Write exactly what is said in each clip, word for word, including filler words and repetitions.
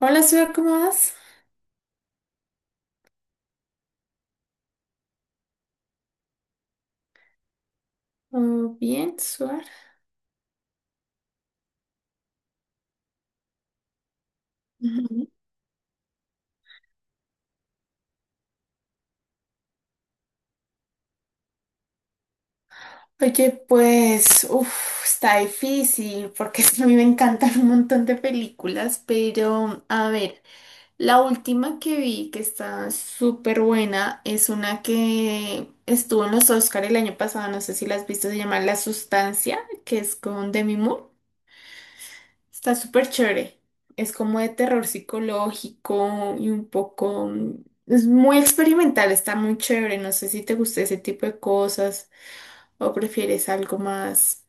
Hola, Suar, ¿cómo vas? Oh, bien, Suar. Ujú. Oye, pues, uf, está difícil porque a mí me encantan un montón de películas, pero a ver, la última que vi que está súper buena es una que estuvo en los Oscar el año pasado, no sé si la has visto, se llama La Sustancia, que es con Demi Moore. Está súper chévere. Es como de terror psicológico y un poco... mm, es muy experimental, está muy chévere. No sé si te gusta ese tipo de cosas o prefieres algo más,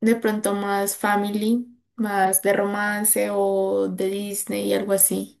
de pronto más family, más de romance o de Disney y algo así.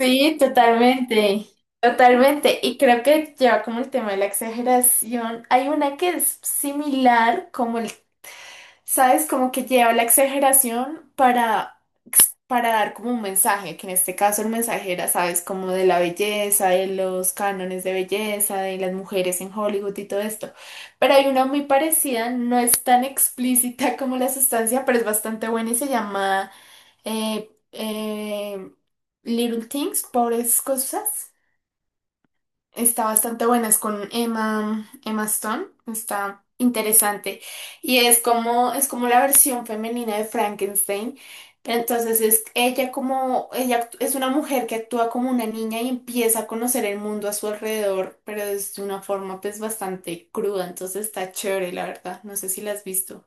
Sí, totalmente, totalmente. Y creo que lleva como el tema de la exageración. Hay una que es similar, como el, ¿sabes? Como que lleva la exageración para para dar como un mensaje, que en este caso el mensaje era, sabes, como de la belleza, de los cánones de belleza, de las mujeres en Hollywood y todo esto. Pero hay una muy parecida, no es tan explícita como la sustancia, pero es bastante buena y se llama eh, eh, Little Things, Pobres Cosas. Está bastante buena, es con Emma, Emma Stone, está interesante. Y es como, es como la versión femenina de Frankenstein. Pero entonces es ella como, ella act- es una mujer que actúa como una niña y empieza a conocer el mundo a su alrededor, pero es de una forma pues bastante cruda, entonces está chévere, la verdad. No sé si la has visto.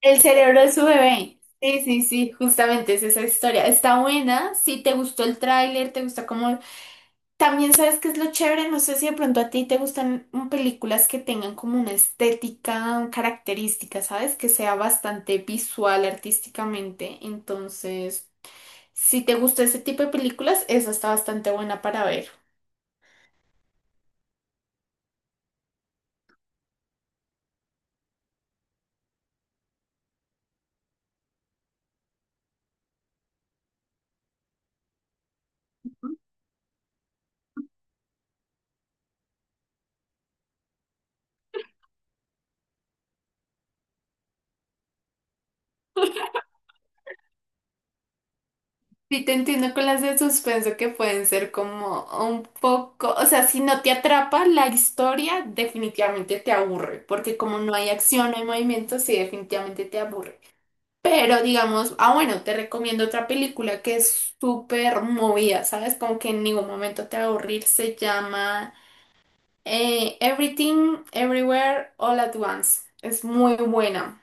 El cerebro de su bebé. Sí, sí, sí, justamente es esa historia. Está buena, si te gustó el tráiler, te gusta como. También sabes qué es lo chévere, no sé si de pronto a ti te gustan mm, películas que tengan como una estética característica, ¿sabes? Que sea bastante visual artísticamente. Entonces, si te gusta ese tipo de películas, esa está bastante buena para ver. Sí, te entiendo con las de suspenso que pueden ser como un poco, o sea, si no te atrapa la historia, definitivamente te aburre, porque como no hay acción, no hay movimiento, sí, definitivamente te aburre. Pero digamos, ah, bueno, te recomiendo otra película que es súper movida, ¿sabes? Como que en ningún momento te va a aburrir. Se llama eh, Everything, Everywhere, All at Once. Es muy buena.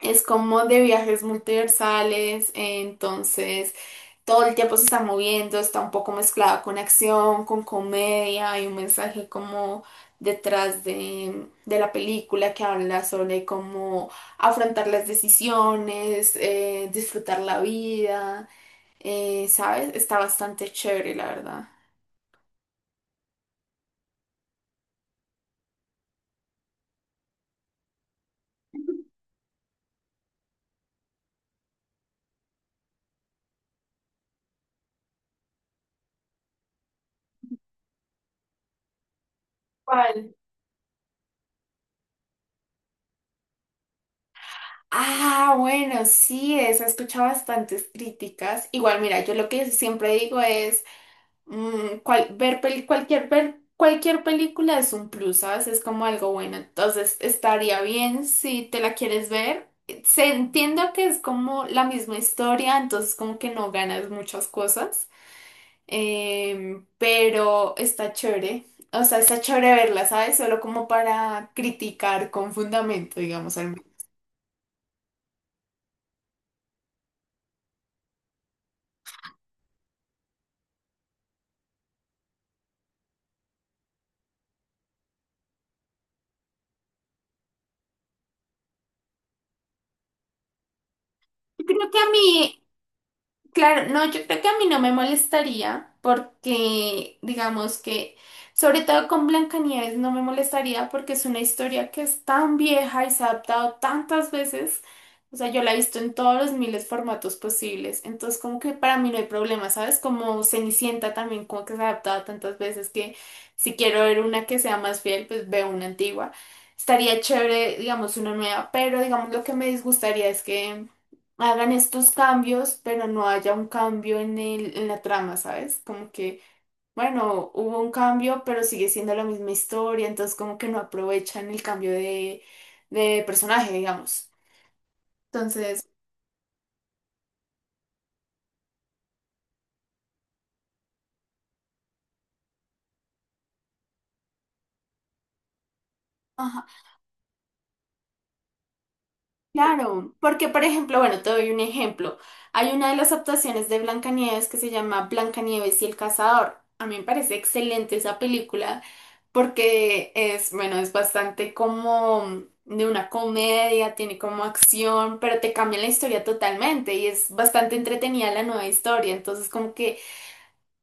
Es como de viajes multiversales, entonces todo el tiempo se está moviendo, está un poco mezclado con acción, con comedia, hay un mensaje como detrás de, de la película que habla sobre cómo afrontar las decisiones, eh, disfrutar la vida, eh, ¿sabes? Está bastante chévere, la verdad. ¿Cuál? Ah, bueno, sí, eso he escuchado bastantes críticas. Igual, mira, yo lo que siempre digo es... Mm, cual- ver peli- cualquier, ver cualquier película es un plus, ¿sabes? Es como algo bueno. Entonces, estaría bien si te la quieres ver. Se entiendo que es como la misma historia, entonces como que no ganas muchas cosas, em, pero está chévere. O sea, está chévere verla, ¿sabes? Solo como para criticar con fundamento, digamos. Al menos. Yo creo que a mí Claro, no, yo creo que a mí no me molestaría porque, digamos que, sobre todo con Blancanieves no me molestaría porque es una historia que es tan vieja y se ha adaptado tantas veces. O sea, yo la he visto en todos los miles de formatos posibles. Entonces, como que para mí no hay problema, ¿sabes? Como Cenicienta también, como que se ha adaptado tantas veces que si quiero ver una que sea más fiel, pues veo una antigua. Estaría chévere, digamos, una nueva, pero digamos lo que me disgustaría es que hagan estos cambios, pero no haya un cambio en el, en la trama, ¿sabes? Como que, bueno, hubo un cambio, pero sigue siendo la misma historia, entonces como que no aprovechan el cambio de, de personaje, digamos. Entonces, ajá. Claro, porque por ejemplo, bueno, te doy un ejemplo. Hay una de las actuaciones de Blancanieves que se llama Blancanieves y el Cazador. A mí me parece excelente esa película porque es, bueno, es bastante como de una comedia, tiene como acción, pero te cambia la historia totalmente y es bastante entretenida la nueva historia. Entonces, como que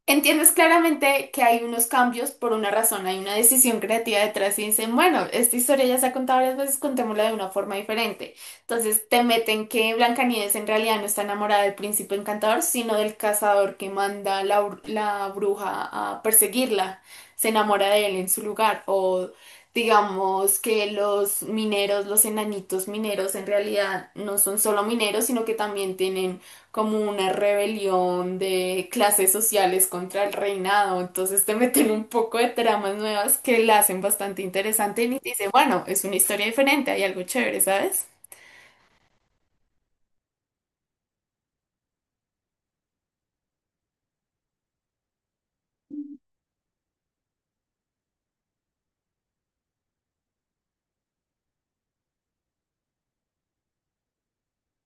entiendes claramente que hay unos cambios por una razón, hay una decisión creativa detrás y dicen, bueno, esta historia ya se ha contado varias veces, contémosla de una forma diferente. Entonces te meten que Blancanieves en realidad no está enamorada del príncipe encantador, sino del cazador que manda la, br- la bruja a perseguirla. Se enamora de él en su lugar. O digamos que los mineros, los enanitos mineros en realidad no son solo mineros, sino que también tienen como una rebelión de clases sociales contra el reinado. Entonces te meten un poco de tramas nuevas que la hacen bastante interesante y te dicen, bueno, es una historia diferente, hay algo chévere, ¿sabes?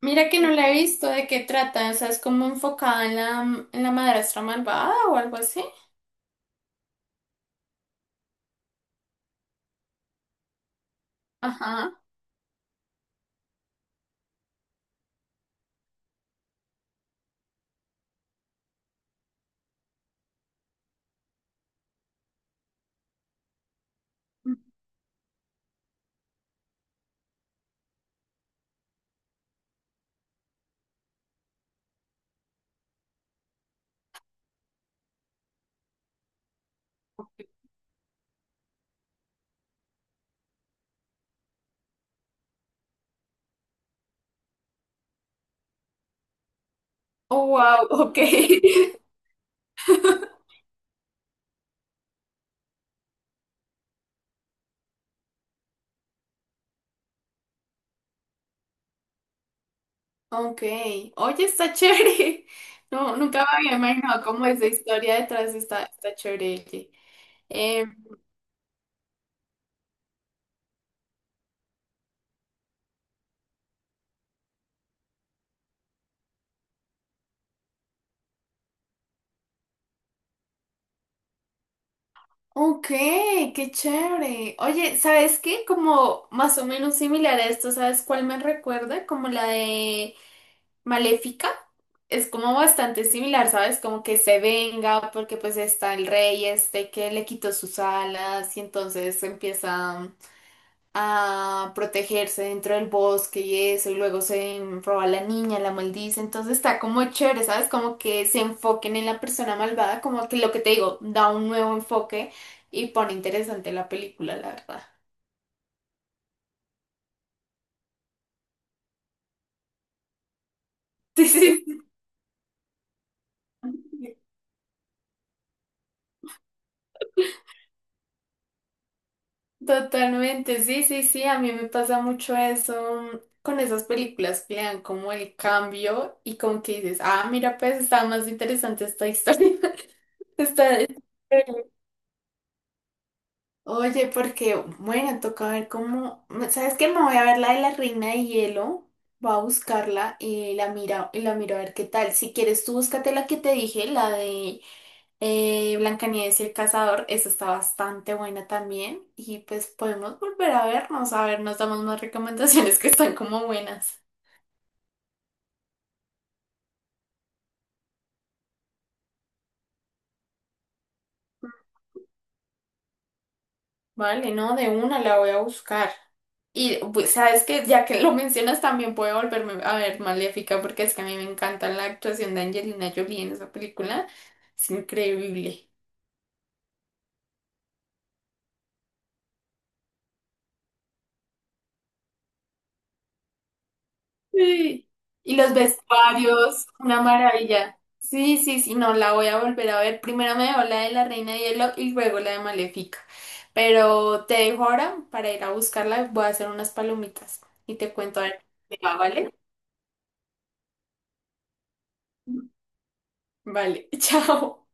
Mira que no la he visto, ¿de qué trata? O sea, es como enfocada en la, en la madrastra malvada o algo así. Ajá. Oh, wow, ok. Ok. Oye, está chévere. No, nunca me había imaginado cómo es la historia detrás está, está chévere. Oye. Ok, qué chévere. Oye, ¿sabes qué? Como más o menos similar a esto, ¿sabes cuál me recuerda? Como la de Maléfica. Es como bastante similar, ¿sabes? Como que se venga porque pues está el rey este que le quitó sus alas y entonces empieza a protegerse dentro del bosque y eso, y luego se roba a la niña, la maldice, entonces está como chévere, ¿sabes? Como que se enfoquen en la persona malvada, como que lo que te digo, da un nuevo enfoque y pone interesante la película, la verdad. Sí, sí, sí. Totalmente, sí, sí, sí, a mí me pasa mucho eso mm, con esas películas que le dan como el cambio y como que dices, ah, mira, pues está más interesante esta historia. Está. Oye, porque, bueno, toca ver cómo. ¿Sabes qué? Me voy a ver la de la Reina de Hielo. Voy a buscarla y la mira, y la miro a ver qué tal. Si quieres, tú búscate la que te dije, la de eh, Blancanieves y el Cazador. Esa está bastante buena también. Y pues podemos volver a vernos, a ver, nos damos más recomendaciones que están como buenas. Vale, no, de una la voy a buscar. Y pues, sabes que ya que lo mencionas también puedo volverme a ver Maléfica porque es que a mí me encanta la actuación de Angelina Jolie en esa película. Es increíble. Sí. Y los vestuarios, una maravilla. Sí, sí, sí, no, la voy a volver a ver. Primero me veo la de la Reina de Hielo y luego la de Maléfica. Pero te dejo ahora para ir a buscarla. Voy a hacer unas palomitas y te cuento a ver qué va, ¿vale? Vale, chao.